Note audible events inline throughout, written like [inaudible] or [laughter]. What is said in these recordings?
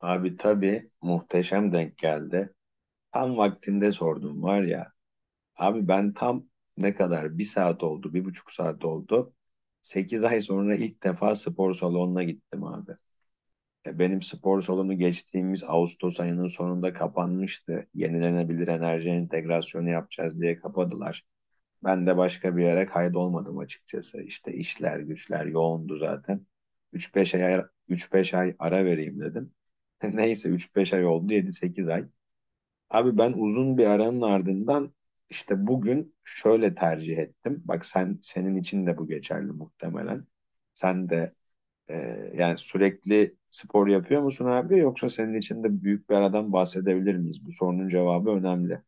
Abi, tabii, muhteşem denk geldi. Tam vaktinde sordum var ya. Abi ben tam ne kadar, bir saat oldu, 1,5 saat oldu. 8 ay sonra ilk defa spor salonuna gittim abi. Benim spor salonu geçtiğimiz Ağustos ayının sonunda kapanmıştı. Yenilenebilir enerji entegrasyonu yapacağız diye kapadılar. Ben de başka bir yere kaydolmadım açıkçası. İşte işler güçler yoğundu zaten. üç beş ay, Üç beş ay ara vereyim dedim. [laughs] Neyse, üç beş ay oldu yedi sekiz ay. Abi ben uzun bir aranın ardından işte bugün şöyle tercih ettim. Bak sen, senin için de bu geçerli muhtemelen. Sen de e, yani sürekli spor yapıyor musun abi, yoksa senin için de büyük bir aradan bahsedebilir miyiz? Bu sorunun cevabı önemli.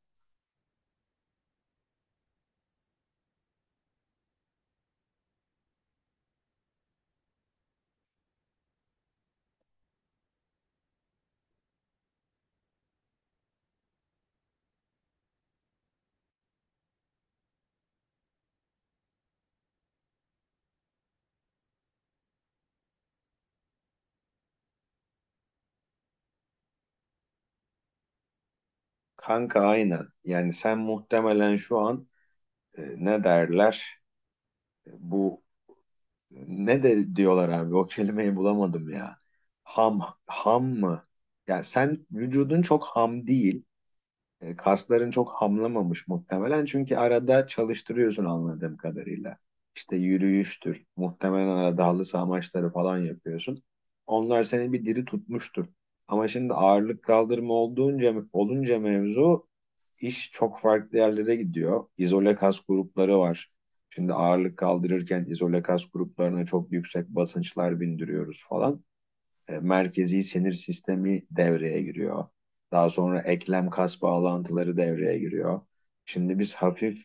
Kanka aynen. Yani sen muhtemelen şu an ne derler, bu ne de diyorlar abi, o kelimeyi bulamadım ya. Ham ham mı? Yani sen vücudun çok ham değil, kasların çok hamlamamış muhtemelen, çünkü arada çalıştırıyorsun anladığım kadarıyla. İşte yürüyüştür, muhtemelen arada halı saha maçları falan yapıyorsun. Onlar seni bir diri tutmuştur. Ama şimdi ağırlık kaldırma olduğunca, olunca mevzu, iş çok farklı yerlere gidiyor. İzole kas grupları var. Şimdi ağırlık kaldırırken izole kas gruplarına çok yüksek basınçlar bindiriyoruz falan, merkezi sinir sistemi devreye giriyor. Daha sonra eklem kas bağlantıları devreye giriyor. Şimdi biz hafif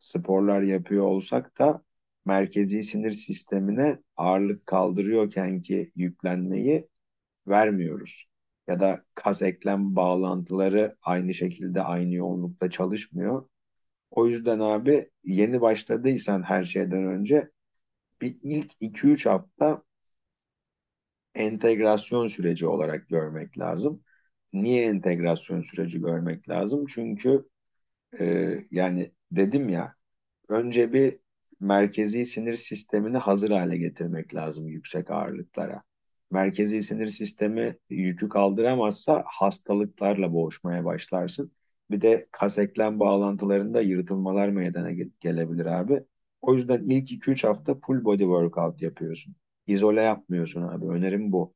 sporlar yapıyor olsak da merkezi sinir sistemine ağırlık kaldırıyorken ki yüklenmeyi vermiyoruz. Ya da kas eklem bağlantıları aynı şekilde, aynı yoğunlukta çalışmıyor. O yüzden abi, yeni başladıysan her şeyden önce bir ilk iki üç hafta entegrasyon süreci olarak görmek lazım. Niye entegrasyon süreci görmek lazım? Çünkü yani dedim ya, önce bir merkezi sinir sistemini hazır hale getirmek lazım yüksek ağırlıklara. Merkezi sinir sistemi yükü kaldıramazsa hastalıklarla boğuşmaya başlarsın. Bir de kas eklem bağlantılarında yırtılmalar meydana gelebilir abi. O yüzden ilk iki üç hafta full body workout yapıyorsun. İzole yapmıyorsun abi. Önerim bu.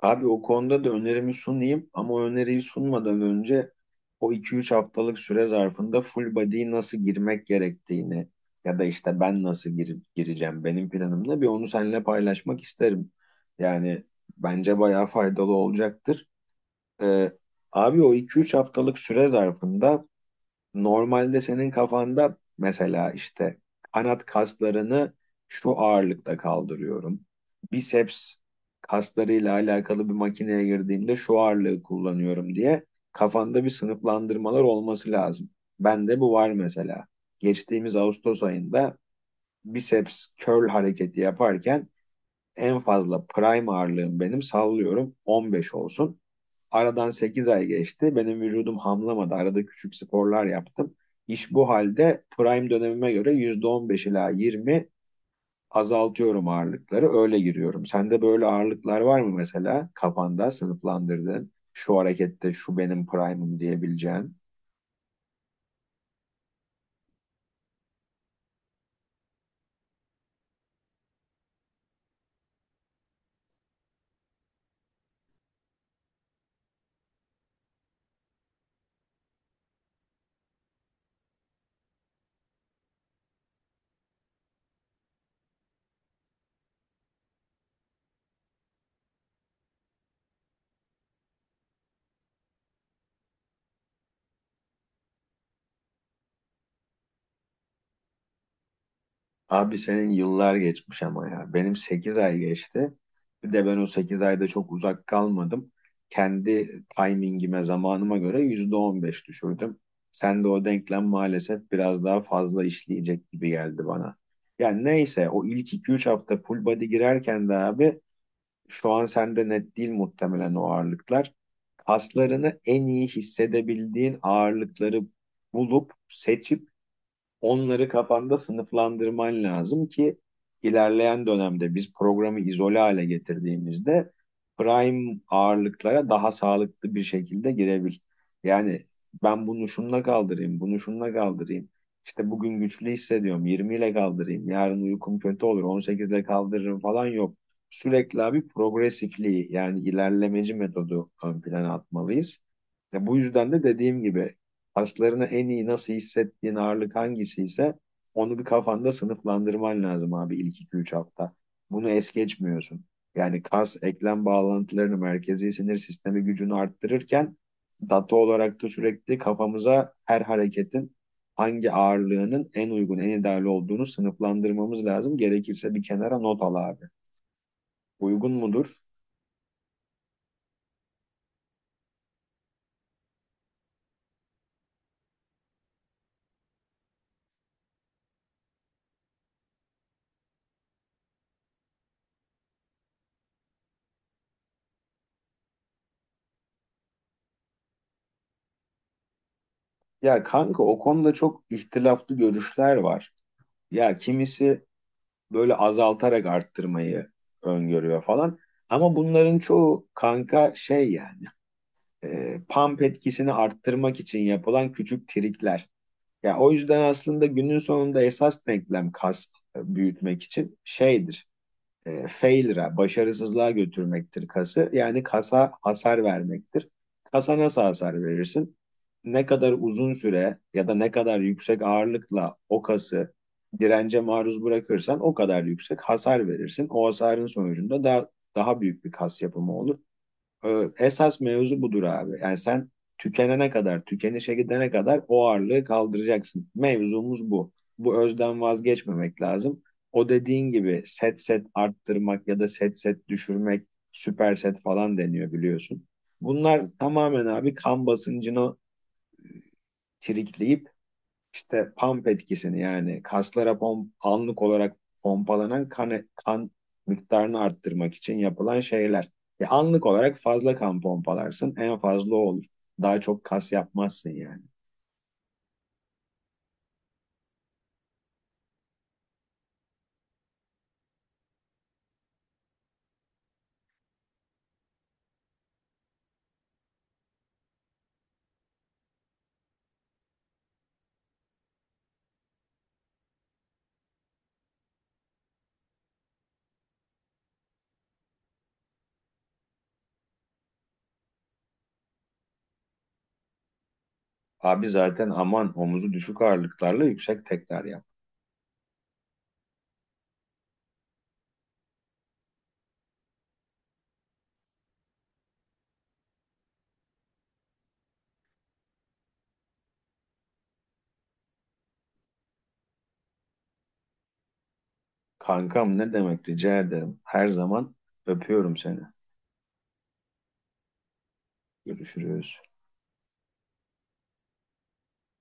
Abi, o konuda da önerimi sunayım, ama o öneriyi sunmadan önce o iki üç haftalık süre zarfında full body'ye nasıl girmek gerektiğini, ya da işte ben nasıl gireceğim, benim planımla bir onu seninle paylaşmak isterim. Yani bence bayağı faydalı olacaktır. Ee, Abi, o iki üç haftalık süre zarfında normalde senin kafanda mesela işte kanat kaslarını şu ağırlıkta kaldırıyorum, biceps kaslarıyla alakalı bir makineye girdiğimde şu ağırlığı kullanıyorum diye kafanda bir sınıflandırmalar olması lazım. Bende bu var mesela. Geçtiğimiz Ağustos ayında biceps curl hareketi yaparken en fazla prime ağırlığım, benim sallıyorum, 15 olsun. Aradan 8 ay geçti. Benim vücudum hamlamadı. Arada küçük sporlar yaptım. İş bu halde prime dönemime göre %15 ila 20 azaltıyorum ağırlıkları. Öyle giriyorum. Sende böyle ağırlıklar var mı mesela, kafanda sınıflandırdığın? Şu harekette şu benim prime'ım diyebileceğin. Abi senin yıllar geçmiş ama ya. Benim 8 ay geçti. Bir de ben o 8 ayda çok uzak kalmadım. Kendi timingime, zamanıma göre %15 düşürdüm. Sen de o denklem maalesef biraz daha fazla işleyecek gibi geldi bana. Yani neyse, o ilk iki üç hafta full body girerken de abi, şu an sende net değil muhtemelen o ağırlıklar. Kaslarını en iyi hissedebildiğin ağırlıkları bulup, seçip onları kafanda sınıflandırman lazım ki ilerleyen dönemde biz programı izole hale getirdiğimizde prime ağırlıklara daha sağlıklı bir şekilde girebil. Yani ben bunu şununla kaldırayım, bunu şununla kaldırayım. İşte bugün güçlü hissediyorum, 20 ile kaldırayım. Yarın uykum kötü olur, 18 ile kaldırırım falan yok. Sürekli abi progresifliği, yani ilerlemeci metodu ön plana atmalıyız. Ya bu yüzden de dediğim gibi kaslarını en iyi nasıl hissettiğin ağırlık hangisi ise onu bir kafanda sınıflandırman lazım abi, ilk 2-3 hafta. Bunu es geçmiyorsun. Yani kas, eklem bağlantılarını, merkezi sinir sistemi gücünü arttırırken data olarak da sürekli kafamıza her hareketin hangi ağırlığının en uygun, en ideal olduğunu sınıflandırmamız lazım. Gerekirse bir kenara not al abi. Uygun mudur? Ya kanka, o konuda çok ihtilaflı görüşler var. Ya kimisi böyle azaltarak arttırmayı öngörüyor falan. Ama bunların çoğu kanka şey yani, pump etkisini arttırmak için yapılan küçük trikler. Ya o yüzden aslında günün sonunda esas denklem kas, büyütmek için şeydir, failure'a, başarısızlığa götürmektir kası. Yani kasa hasar vermektir. Kasa nasıl hasar verirsin? Ne kadar uzun süre ya da ne kadar yüksek ağırlıkla o kası dirence maruz bırakırsan o kadar yüksek hasar verirsin. O hasarın sonucunda daha büyük bir kas yapımı olur. Esas mevzu budur abi. Yani sen tükenene kadar, tükenişe gidene kadar o ağırlığı kaldıracaksın. Mevzumuz bu. Bu özden vazgeçmemek lazım. O dediğin gibi set set arttırmak ya da set set düşürmek, süper set falan deniyor, biliyorsun. Bunlar tamamen abi kan basıncını trikleyip işte pump etkisini, yani kaslara anlık olarak pompalanan kan miktarını arttırmak için yapılan şeyler. Anlık olarak fazla kan pompalarsın, en fazla o olur. Daha çok kas yapmazsın yani. Abi zaten aman, omuzu düşük ağırlıklarla yüksek tekrar yap. Kankam ne demek, rica ederim. Her zaman. Öpüyorum seni. Görüşürüz.